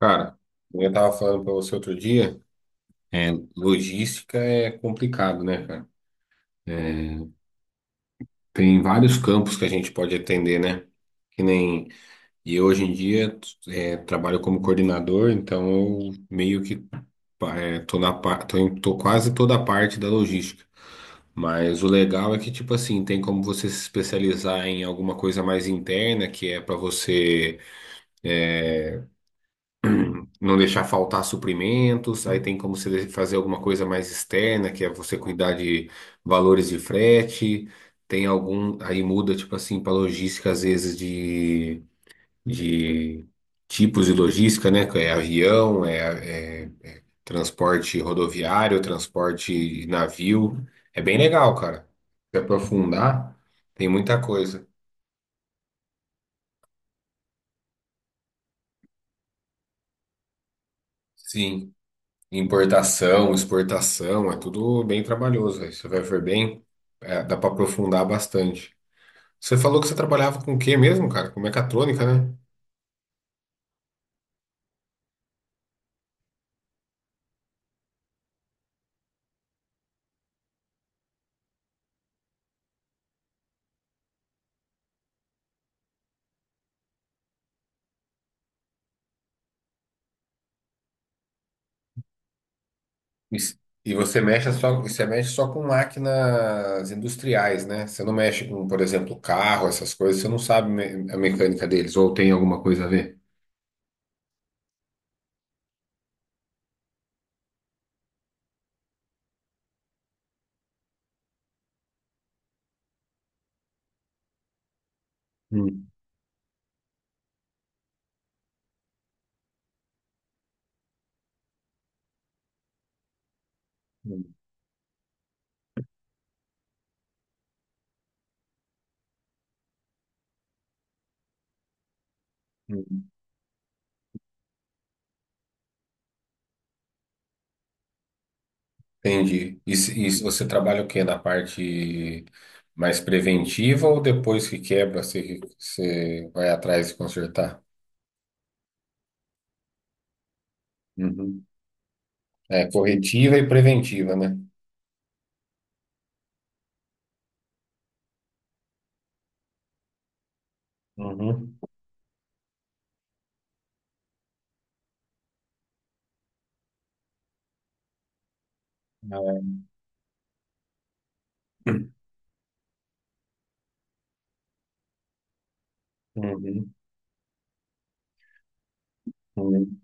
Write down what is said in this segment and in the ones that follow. Cara, eu tava falando pra você outro dia, é, logística é complicado, né, cara? É, tem vários campos que a gente pode atender, né? Que nem, e eu hoje em dia trabalho como coordenador, então eu meio que tô na, pa- tô, em- tô quase toda a parte da logística. Mas o legal é que, tipo assim, tem como você se especializar em alguma coisa mais interna, que é pra você não deixar faltar suprimentos. Aí tem como você fazer alguma coisa mais externa, que é você cuidar de valores de frete. Tem algum, aí muda, tipo assim, para logística, às vezes, de tipos de logística, né? que É avião, é transporte rodoviário, transporte de navio. É bem legal, cara. Se aprofundar, tem muita coisa. Sim. Importação, exportação, é tudo bem trabalhoso. Aí você vai ver bem, dá para aprofundar bastante. Você falou que você trabalhava com o quê mesmo, cara? Com mecatrônica, né? E, s- e você mexe só com máquinas industriais, né? Você não mexe com, por exemplo, carro, essas coisas, você não sabe a mecânica deles, ou tem alguma coisa a ver? Hum, hum, hum. Entendi. E se você trabalha o quê? Na parte mais preventiva ou depois que quebra, você, você vai atrás de consertar? Uhum. É, corretiva e preventiva, né? Uhum. É. Uhum. Uhum.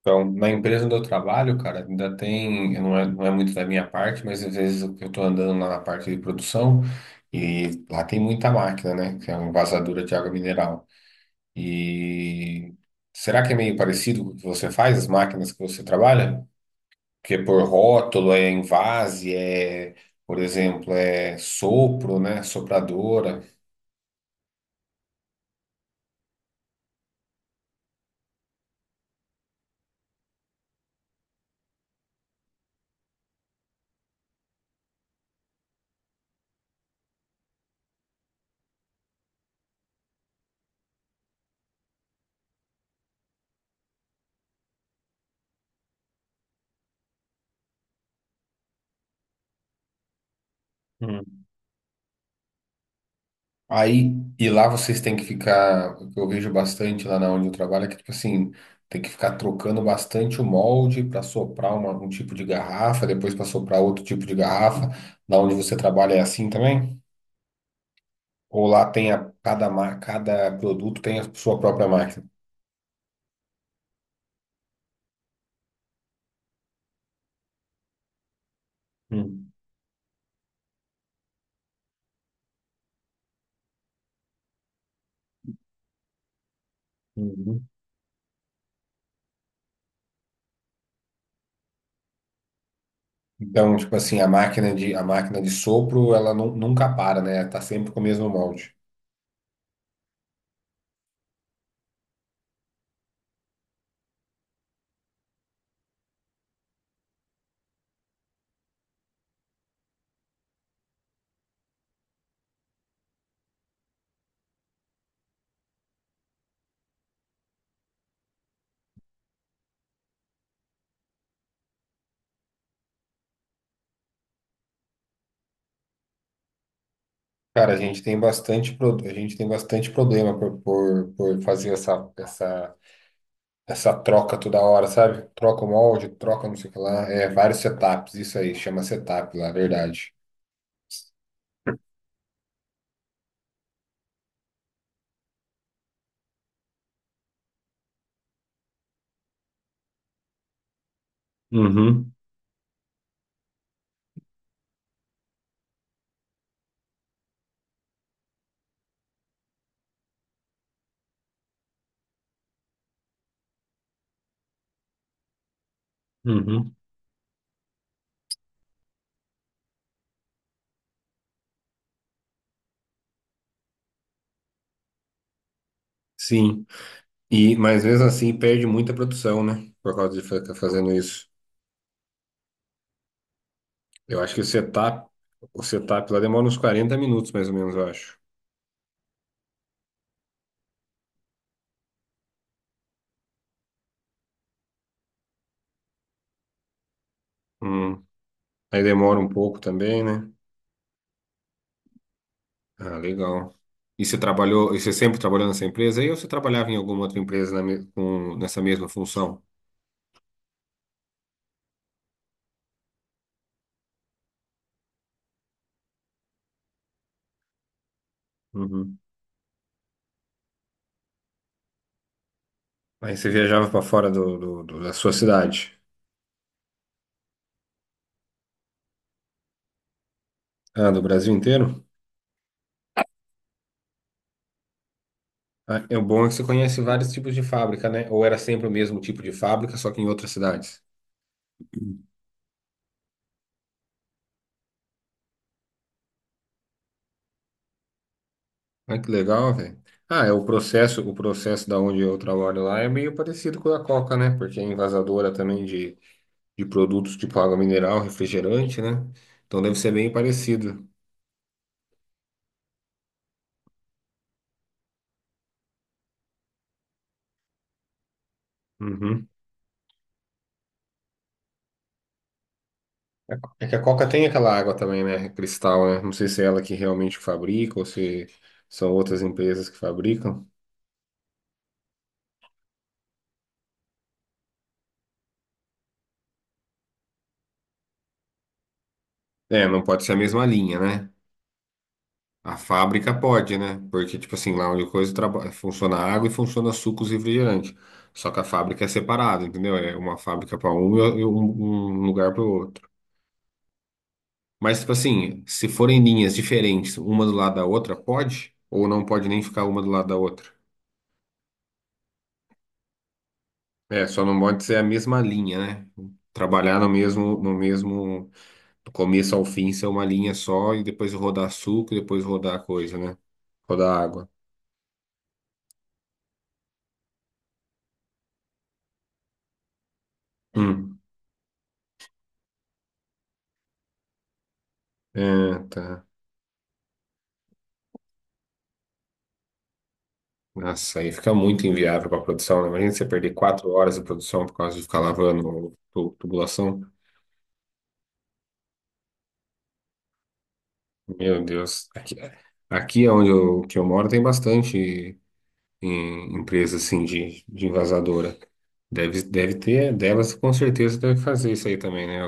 Então, na empresa onde eu trabalho, cara, ainda tem, não é, não é muito da minha parte, mas às vezes eu estou andando lá na parte de produção e lá tem muita máquina, né? Que é uma envasadura de água mineral. E será que é meio parecido com o que você faz, as máquinas que você trabalha? Que é por rótulo, é envase, por exemplo, é sopro, né? Sopradora. Hum. Aí, e lá vocês têm que ficar, o que eu vejo bastante lá na onde eu trabalho é que, tipo assim, tem que ficar trocando bastante o molde para soprar um tipo de garrafa, depois para soprar outro tipo de garrafa. Da onde você trabalha é assim também? Ou lá tem a, cada, cada produto tem a sua própria máquina? Uhum. Então, tipo assim, a máquina de sopro, ela nunca para, né? Tá sempre com o mesmo molde. Cara, a gente tem bastante, a gente tem bastante problema por fazer essa troca toda hora, sabe? Troca o molde, troca não sei o que lá. É, vários setups, isso aí, chama setup lá, verdade. Uhum, uhum. Sim. E, mas mesmo assim, perde muita produção, né? Por causa de ficar fazendo isso. Eu acho que o setup lá demora uns 40 minutos, mais ou menos, eu acho. Uhum. Aí demora um pouco também, né? Ah, legal. E você sempre trabalhou nessa empresa aí ou você trabalhava em alguma outra empresa nessa mesma função? Uhum. Aí você viajava para fora da sua cidade? Ah, do Brasil inteiro? Ah, é o bom é que você conhece vários tipos de fábrica, né? Ou era sempre o mesmo tipo de fábrica, só que em outras cidades? Ah, que legal, velho. Ah, é o processo da onde eu trabalho lá é meio parecido com o da Coca, né? Porque é envasadora também de produtos tipo água mineral, refrigerante, né? Então deve ser bem parecido. Uhum. É que a Coca tem aquela água também, né? Cristal, né? Não sei se é ela que realmente fabrica ou se são outras empresas que fabricam. É, não pode ser a mesma linha, né? A fábrica pode, né? Porque, tipo assim, lá onde coisa funciona água e funciona sucos e refrigerante. Só que a fábrica é separada, entendeu? É uma fábrica para um e um lugar para o outro. Mas, tipo assim, se forem linhas diferentes, uma do lado da outra, pode? Ou não pode nem ficar uma do lado da outra? É, só não pode ser a mesma linha, né? Trabalhar no mesmo, do começo ao fim, ser uma linha só e depois rodar suco, e depois rodar coisa, né? Rodar água. Hum. É, tá. Nossa, aí fica muito inviável para produção, né? Imagina você perder 4 horas de produção por causa de ficar lavando tubulação. Meu Deus. Aqui é onde eu, que eu moro tem bastante em empresa assim de envasadora. Deve, deve ter, delas com certeza deve fazer isso aí também, né?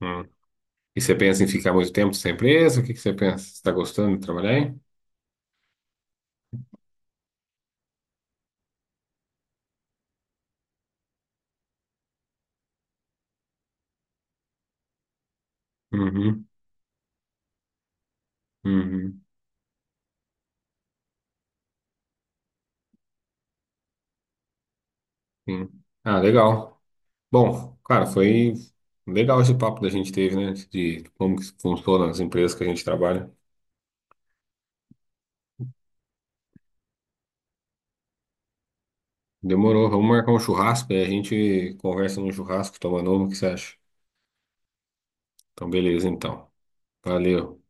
Hum. E você pensa em ficar muito tempo sem empresa? O que que você pensa? Você está gostando de trabalhar aí? Uhum, uhum, sim. Ah, legal. Bom, cara, foi legal esse papo que a gente teve, né? De como que funciona as empresas que a gente trabalha. Demorou, vamos marcar um churrasco e a gente conversa no churrasco, tomando uma, o que você acha? Então, beleza, então. Valeu.